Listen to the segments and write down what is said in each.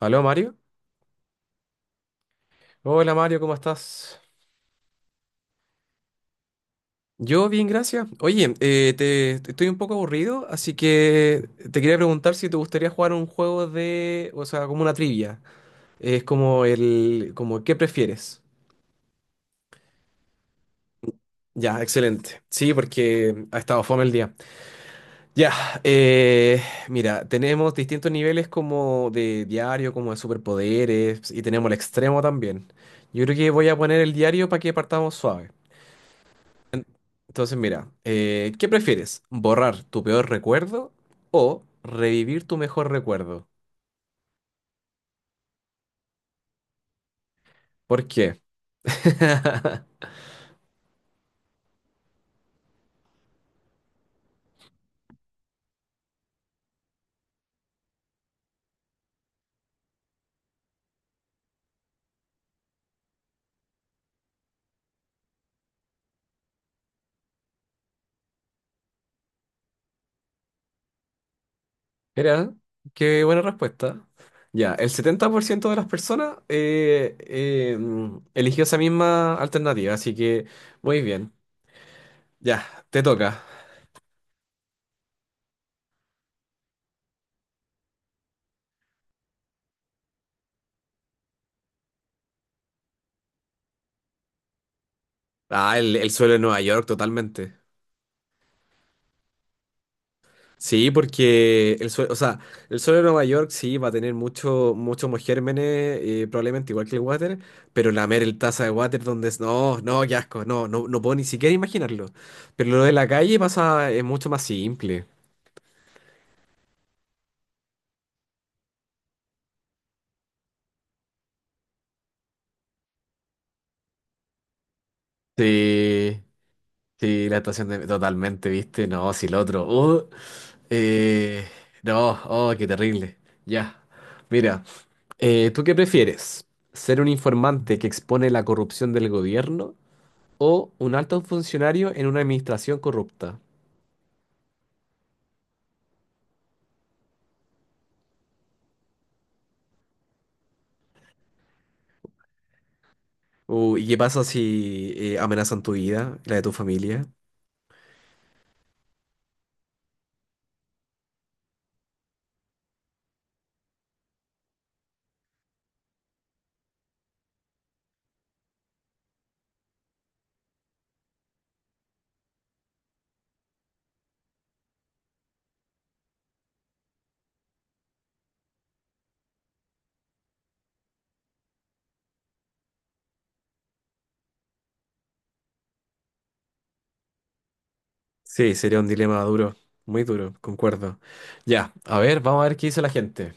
Aló Mario. Hola Mario, ¿cómo estás? Yo bien, gracias. Oye, estoy un poco aburrido, así que te quería preguntar si te gustaría jugar un juego de, o sea, como una trivia. Es como el, como ¿qué prefieres? Ya, excelente. Sí, porque ha estado fome el día. Ya, mira, tenemos distintos niveles como de diario, como de superpoderes, y tenemos el extremo también. Yo creo que voy a poner el diario para que partamos suave. Entonces, mira, ¿qué prefieres? ¿Borrar tu peor recuerdo o revivir tu mejor recuerdo? ¿Por qué? Mira, qué buena respuesta. Ya, el 70% de las personas eligió esa misma alternativa, así que muy bien. Ya, te toca. Ah, el suelo de Nueva York, totalmente. Sí, porque el suelo, o sea, el suelo de Nueva York sí va a tener mucho, muchos más gérmenes, probablemente igual que el water, pero lamer el taza de water donde es, no, no, qué asco, no, no, no puedo ni siquiera imaginarlo. Pero lo de la calle pasa, es mucho más simple. Sí, sí, la estación de, totalmente, ¿viste? No, si el otro, eh, no, oh, qué terrible. Ya. Mira, ¿tú qué prefieres? ¿Ser un informante que expone la corrupción del gobierno o un alto funcionario en una administración corrupta? ¿Y qué pasa si amenazan tu vida, la de tu familia? Sí, sería un dilema duro, muy duro, concuerdo. Ya, a ver, vamos a ver qué dice la gente.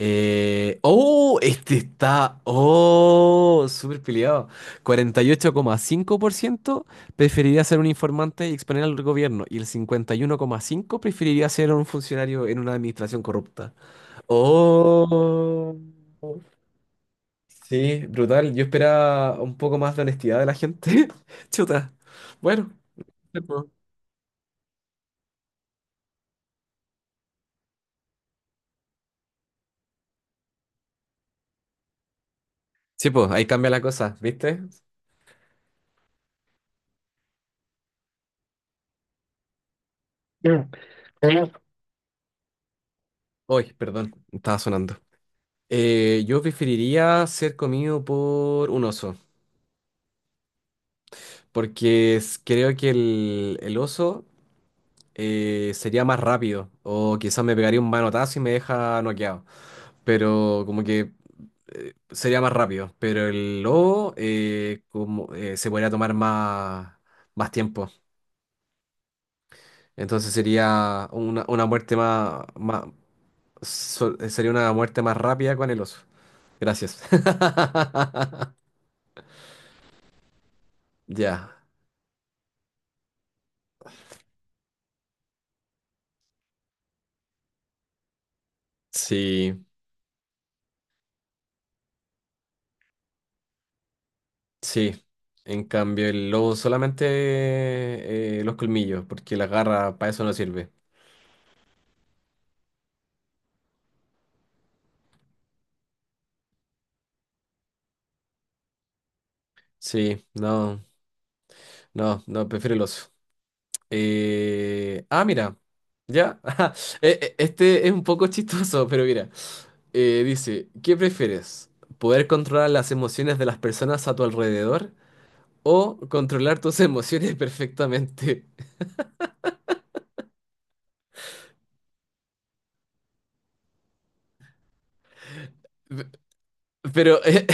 Oh, este está, oh, súper peleado. Cuarenta y ocho coma cinco por ciento preferiría ser un informante y exponer al gobierno, y el 51,5% preferiría ser un funcionario en una administración corrupta. Oh. Sí, brutal. Yo esperaba un poco más de honestidad de la gente. Chuta. Bueno. Sí, pues. Sí, pues, ahí cambia la cosa, ¿viste? Mm. Mm. Uy, perdón, estaba sonando. Yo preferiría ser comido por un oso, porque creo que el oso sería más rápido, o quizás me pegaría un manotazo y me deja noqueado. Pero como que sería más rápido, pero el lobo se podría tomar más, más tiempo. Entonces sería una muerte más, más, sería una muerte más rápida con el oso. Gracias. Ya. Sí, sí. En cambio, el lobo solamente los colmillos, porque la garra para eso no sirve. Sí, no, no, no, prefiero el oso. Mira, ya. Ajá, este es un poco chistoso, pero mira. Dice, ¿qué prefieres? ¿Poder controlar las emociones de las personas a tu alrededor o controlar tus emociones perfectamente? Pero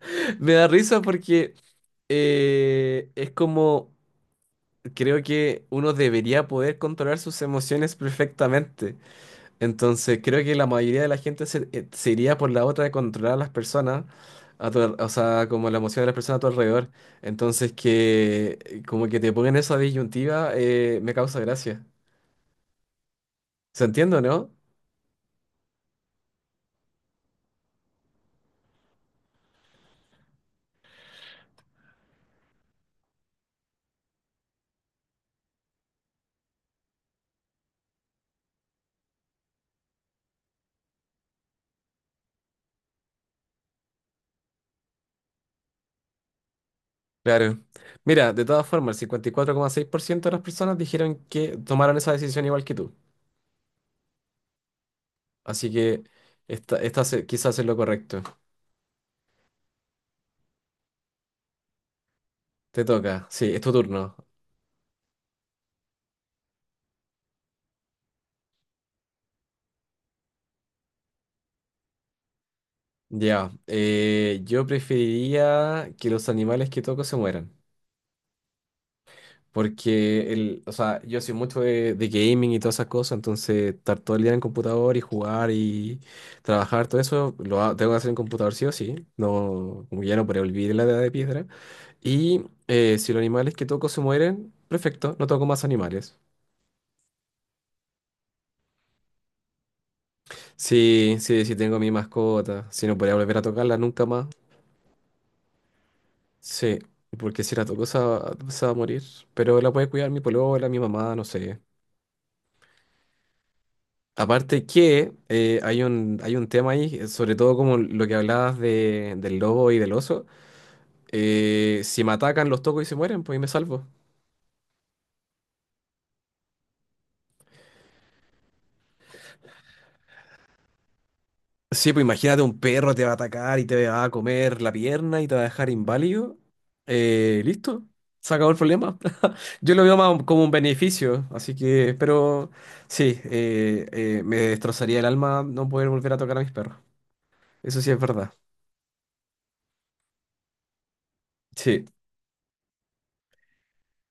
me da risa porque es como, creo que uno debería poder controlar sus emociones perfectamente. Entonces, creo que la mayoría de la gente se iría por la otra de controlar a las personas, o sea, como la emoción de las personas a tu alrededor. Entonces, que como que te ponen esa disyuntiva, me causa gracia. ¿Se entiende, o no? Claro. Mira, de todas formas, el cincuenta y cuatro coma seis por ciento de las personas dijeron que tomaron esa decisión igual que tú. Así que esta, quizás es lo correcto. Te toca. Sí, es tu turno. Ya. Yo preferiría que los animales que toco se mueran. Porque el, o sea, yo soy mucho de gaming y todas esas cosas, entonces estar todo el día en el computador y jugar y trabajar, todo eso tengo que hacer en computador sí o sí, no, como ya no podré olvidar la edad de piedra. Y si los animales que toco se mueren, perfecto, no toco más animales. Sí, sí, sí tengo mi mascota, si no podría volver a tocarla nunca más, sí, porque si la toco se va a morir, pero la puede cuidar mi polola, mi mamá, no sé. Aparte que hay un tema ahí, sobre todo como lo que hablabas de, del lobo y del oso. Si me atacan, los toco y se mueren, pues y me salvo. Sí, pues imagínate un perro te va a atacar y te va a comer la pierna y te va a dejar inválido. Listo, se acabó el problema. Yo lo veo más como un beneficio, así que, pero sí, me destrozaría el alma no poder volver a tocar a mis perros. Eso sí es verdad. Sí.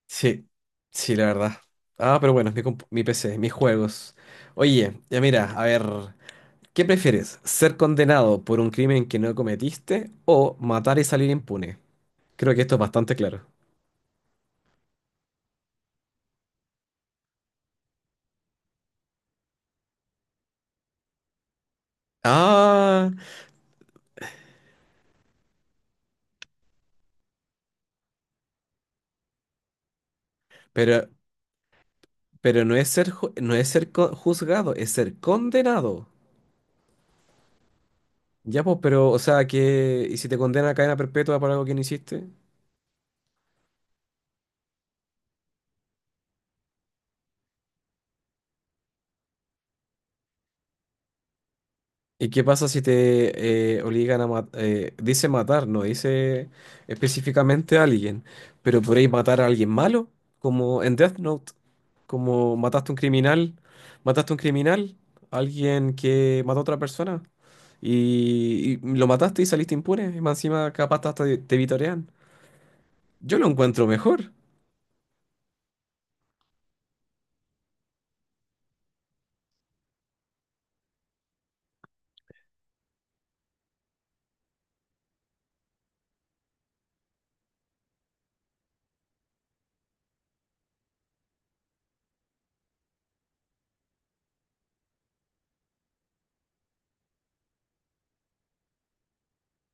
Sí, sí, la verdad. Ah, pero bueno, mi PC, mis juegos. Oye, ya mira, a ver, ¿qué prefieres? ¿Ser condenado por un crimen que no cometiste o matar y salir impune? Creo que esto es bastante claro. Ah, pero, pero no es juzgado, es ser condenado. Ya, pues, pero, o sea, que, ¿y si te condena a cadena perpetua por algo que no hiciste? ¿Y qué pasa si te obligan a matar? Dice matar, no dice específicamente a alguien, pero podréis matar a alguien malo, como en Death Note, como mataste a un criminal, mataste a un criminal, alguien que mató a otra persona, y lo mataste y saliste impune, y más encima capaz hasta te vitorean. Yo lo encuentro mejor.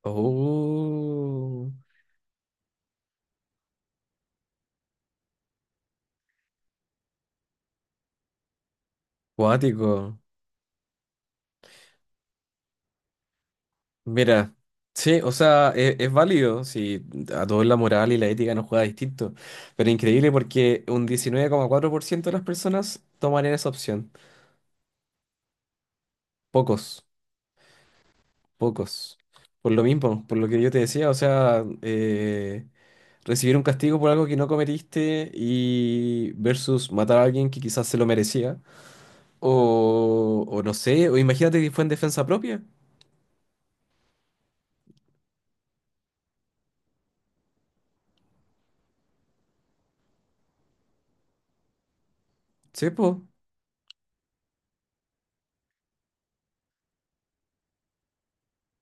Oh, cuático. Mira, sí, o sea, es, válido si a todos la moral y la ética nos juega distinto, pero increíble porque un diecinueve coma cuatro por ciento de las personas tomarían esa opción. Pocos, pocos. Por lo mismo, por lo que yo te decía, o sea, recibir un castigo por algo que no cometiste y versus matar a alguien que quizás se lo merecía. O no sé, o imagínate que fue en defensa propia. Sí, pues.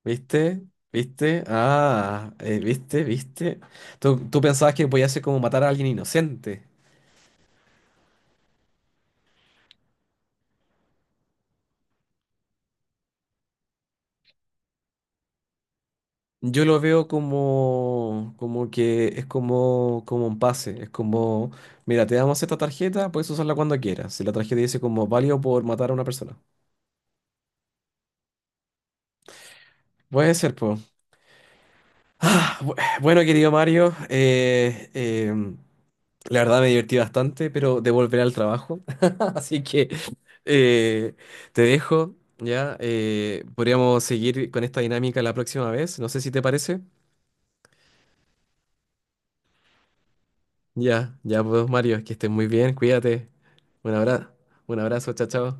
¿Viste? ¿Viste? Ah, ¿viste? ¿Viste? Tú pensabas que podía ser como matar a alguien inocente. Yo lo veo como, como que es como, como un pase. Es como, mira, te damos esta tarjeta, puedes usarla cuando quieras. Si la tarjeta dice como válido por matar a una persona. Puede ser, po. Ah, bu- bueno, querido Mario, la verdad me divertí bastante, pero devolveré al trabajo. Así que eh, te dejo, ¿ya? Podríamos seguir con esta dinámica la próxima vez. No sé si te parece. Ya, ya pues Mario, que estés muy bien, cuídate. Un abrazo, un abrazo, chao, chao.